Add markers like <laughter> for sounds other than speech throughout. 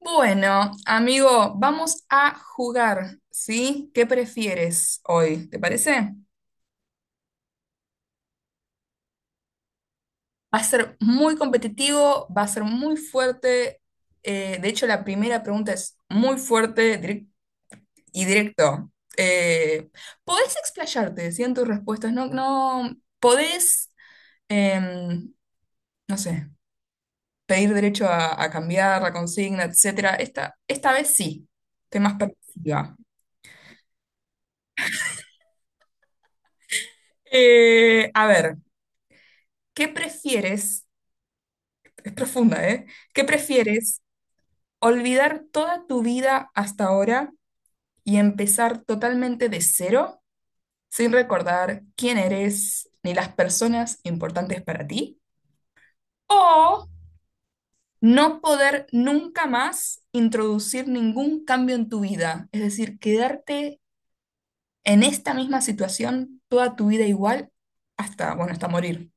Bueno, amigo, vamos a jugar, ¿sí? ¿Qué prefieres hoy? ¿Te parece? Va a ser muy competitivo, va a ser muy fuerte. De hecho, la primera pregunta es muy fuerte y directo. Eh, Podés explayarte, ¿sí?, en tus respuestas. No, no, podés, em, no sé, pedir derecho a cambiar la consigna, etcétera. Esta vez sí, temas perspectiva. A ver, ¿qué prefieres? Es profunda, ¿eh? ¿Qué prefieres? ¿Olvidar toda tu vida hasta ahora y empezar totalmente de cero, sin recordar quién eres ni las personas importantes para ti? ¿O no poder nunca más introducir ningún cambio en tu vida? Es decir, quedarte en esta misma situación toda tu vida igual hasta, bueno, hasta morir.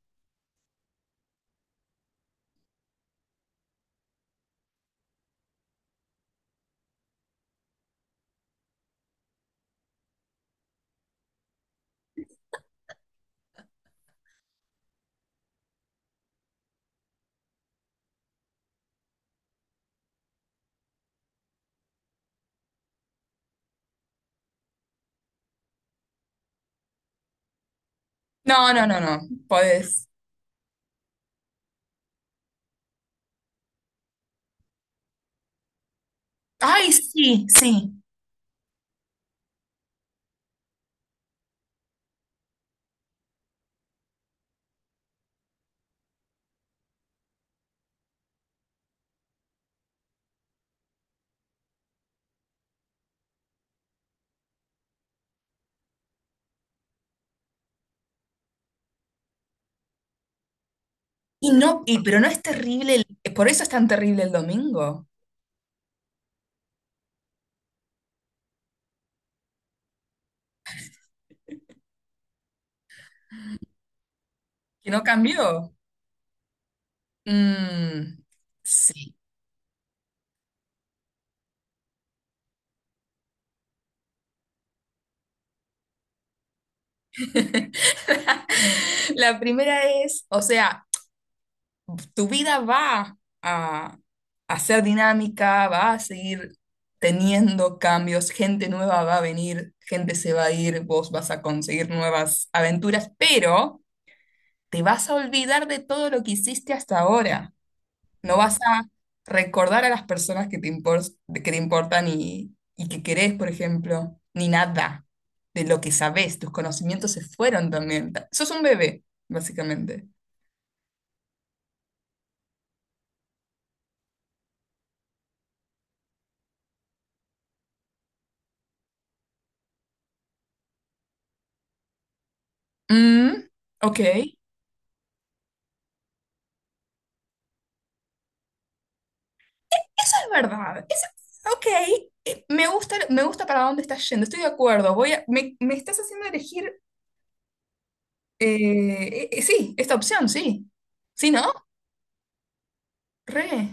No, no, no, no. Podés. ¡Ay, sí, sí! Y no, pero no es terrible, por eso es tan terrible el domingo, que no cambió. Mm, sí. <laughs> La primera es, o sea, tu vida va a ser dinámica, va a seguir teniendo cambios, gente nueva va a venir, gente se va a ir, vos vas a conseguir nuevas aventuras, pero te vas a olvidar de todo lo que hiciste hasta ahora. No vas a recordar a las personas que que te importan y que querés, por ejemplo, ni nada de lo que sabés. Tus conocimientos se fueron también. Sos un bebé, básicamente. Mm, ok. Eso es verdad. Ok. Me gusta para dónde estás yendo. Estoy de acuerdo. Me estás haciendo elegir. Sí, esta opción, sí. Sí, ¿no? Re.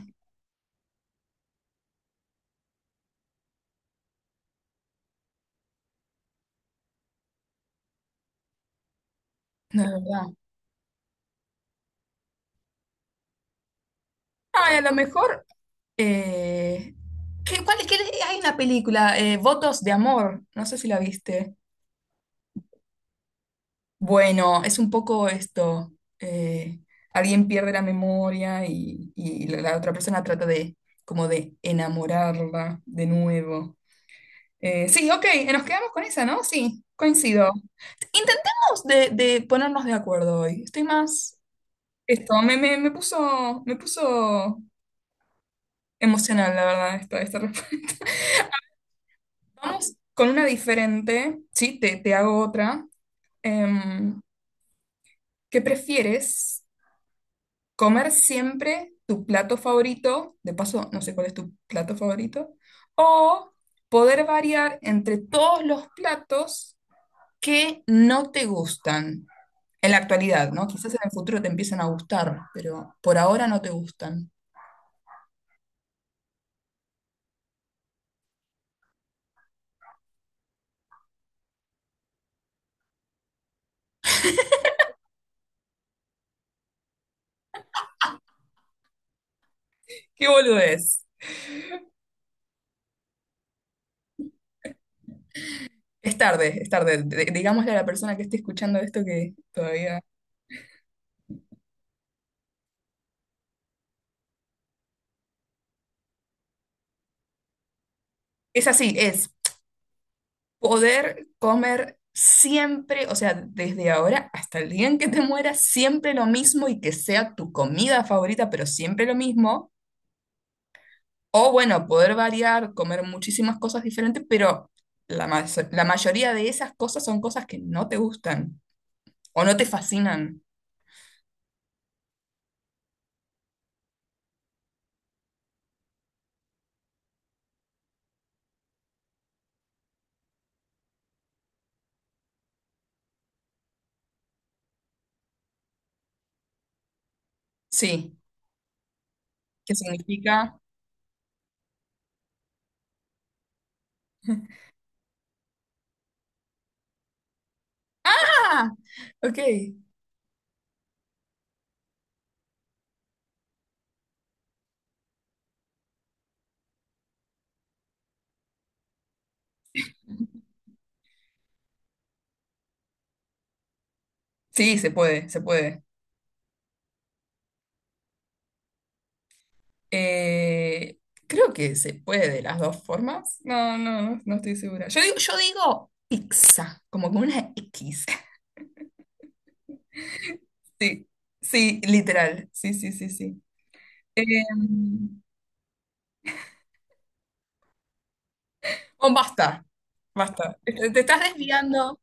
No, de verdad. Ay, a lo mejor. Eh, ¿qué, cuál- qué- Hay una película, Votos de Amor, no sé si la viste. Bueno, es un poco esto, eh, alguien pierde la memoria y la otra persona trata de como de enamorarla de nuevo. Sí, ok, nos quedamos con esa, ¿no? Sí, coincido. Intentemos de ponernos de acuerdo hoy. Estoy más. Esto, me puso emocional, la verdad, esta. Vamos con una diferente, sí, te hago otra. Em, ¿Qué prefieres? ¿Comer siempre tu plato favorito? De paso, no sé cuál es tu plato favorito. ¿O poder variar entre todos los platos que no te gustan? En la actualidad, ¿no? Quizás en el futuro te empiecen a gustar, pero por ahora no te gustan. ¿Qué boludo es? Es tarde, es tarde. Digámosle a la persona que esté escuchando esto que todavía. Es así, es. Poder comer siempre, o sea, desde ahora hasta el día en que te mueras, siempre lo mismo y que sea tu comida favorita, pero siempre lo mismo. O bueno, poder variar, comer muchísimas cosas diferentes, pero la, ma- la mayoría de esas cosas son cosas que no te gustan o no te fascinan. Sí, ¿qué significa? Ah, ok. Sí, se puede, se puede. Eh, Creo que se puede de las dos formas. No, no, no, no estoy segura. Yo digo pizza, como con una X. <laughs> Sí, sí, literal. Sí, sí, sí, sí. Eh, bueno, basta, basta. Te estás desviando,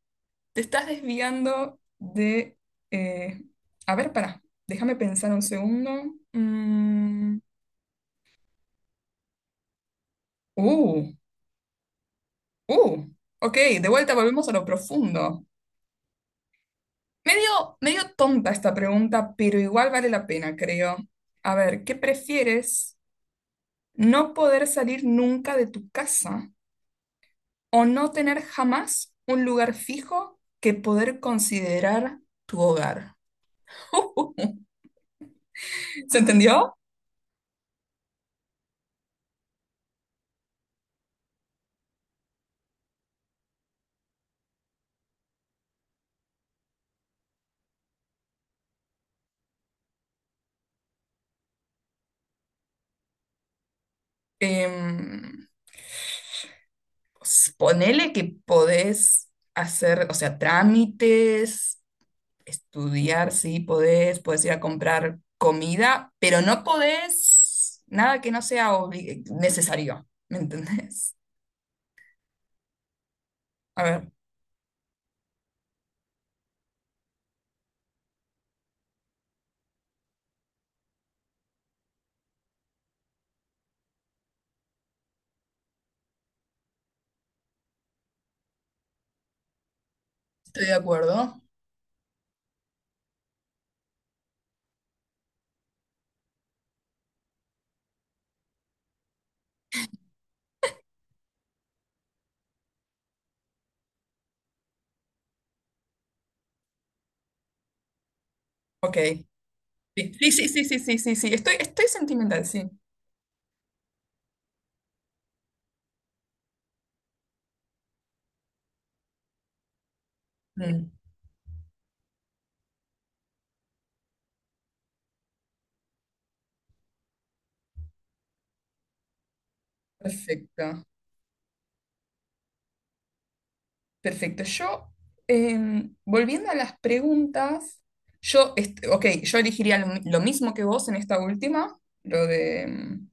de. eh, a ver, pará, déjame pensar un segundo. Uh, uh, ok, de vuelta volvemos a lo profundo. Medio, medio tonta esta pregunta, pero igual vale la pena, creo. A ver, ¿qué prefieres? ¿No poder salir nunca de tu casa o no tener jamás un lugar fijo que poder considerar tu hogar? <laughs> ¿Se entendió? Em, pues, ponele que podés hacer, o sea, trámites, estudiar, sí, podés ir a comprar comida, pero no podés nada que no sea necesario, ¿me entendés? A ver, estoy de acuerdo. Ok. Sí, sí, sí, sí, sí, sí, sí, sí. Estoy sentimental, sí. Mm, perfecto, perfecto. Yo, volviendo a las preguntas, ok, yo elegiría lo mismo que vos en esta última, lo de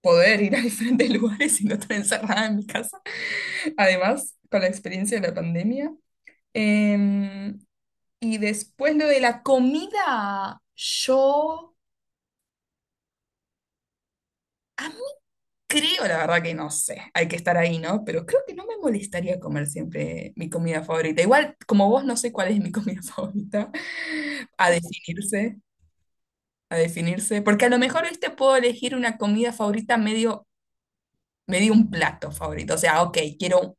poder ir a diferentes <laughs> lugares y no estar encerrada en mi casa. Además, con la experiencia de la pandemia. Em, y después lo de la comida, yo a mí creo, la verdad que no sé, hay que estar ahí, ¿no? Pero creo que no me molestaría comer siempre mi comida favorita. Igual, como vos, no sé cuál es mi comida <laughs> favorita, a definirse, a definirse, porque a lo mejor este puedo elegir una comida favorita medio, medio un plato favorito. O sea, ok, quiero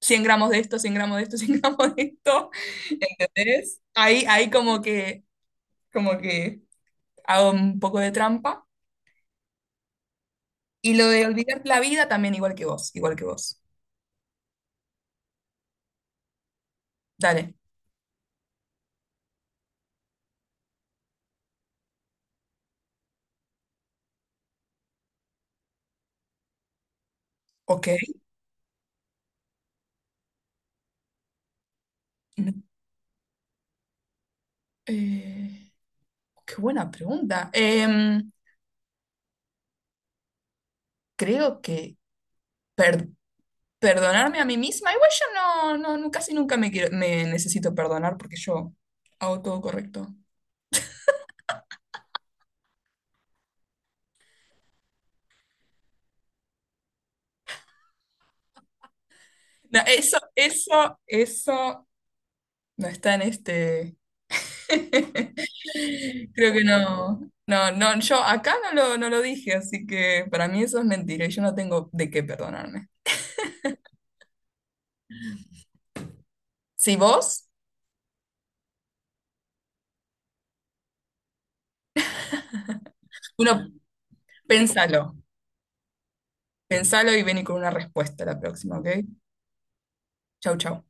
100 gramos de esto, 100 gramos de esto, <laughs> 100 gramos de esto, <laughs> ¿entendés? Ahí, como que hago un poco de trampa. Y lo de olvidar la vida también igual que vos, igual que vos. Dale. Ok. No, eh, qué buena pregunta. Creo que per- perdonarme a mí misma, igual yo casi nunca me necesito perdonar porque yo hago todo correcto. No, eso no está en este <laughs> Creo que no, yo acá no lo dije, así que para mí eso es mentira y yo no tengo de qué perdonarme. Si vos, uno, pensalo, pensalo y vení con una respuesta la próxima, ¿ok? Chau, chau.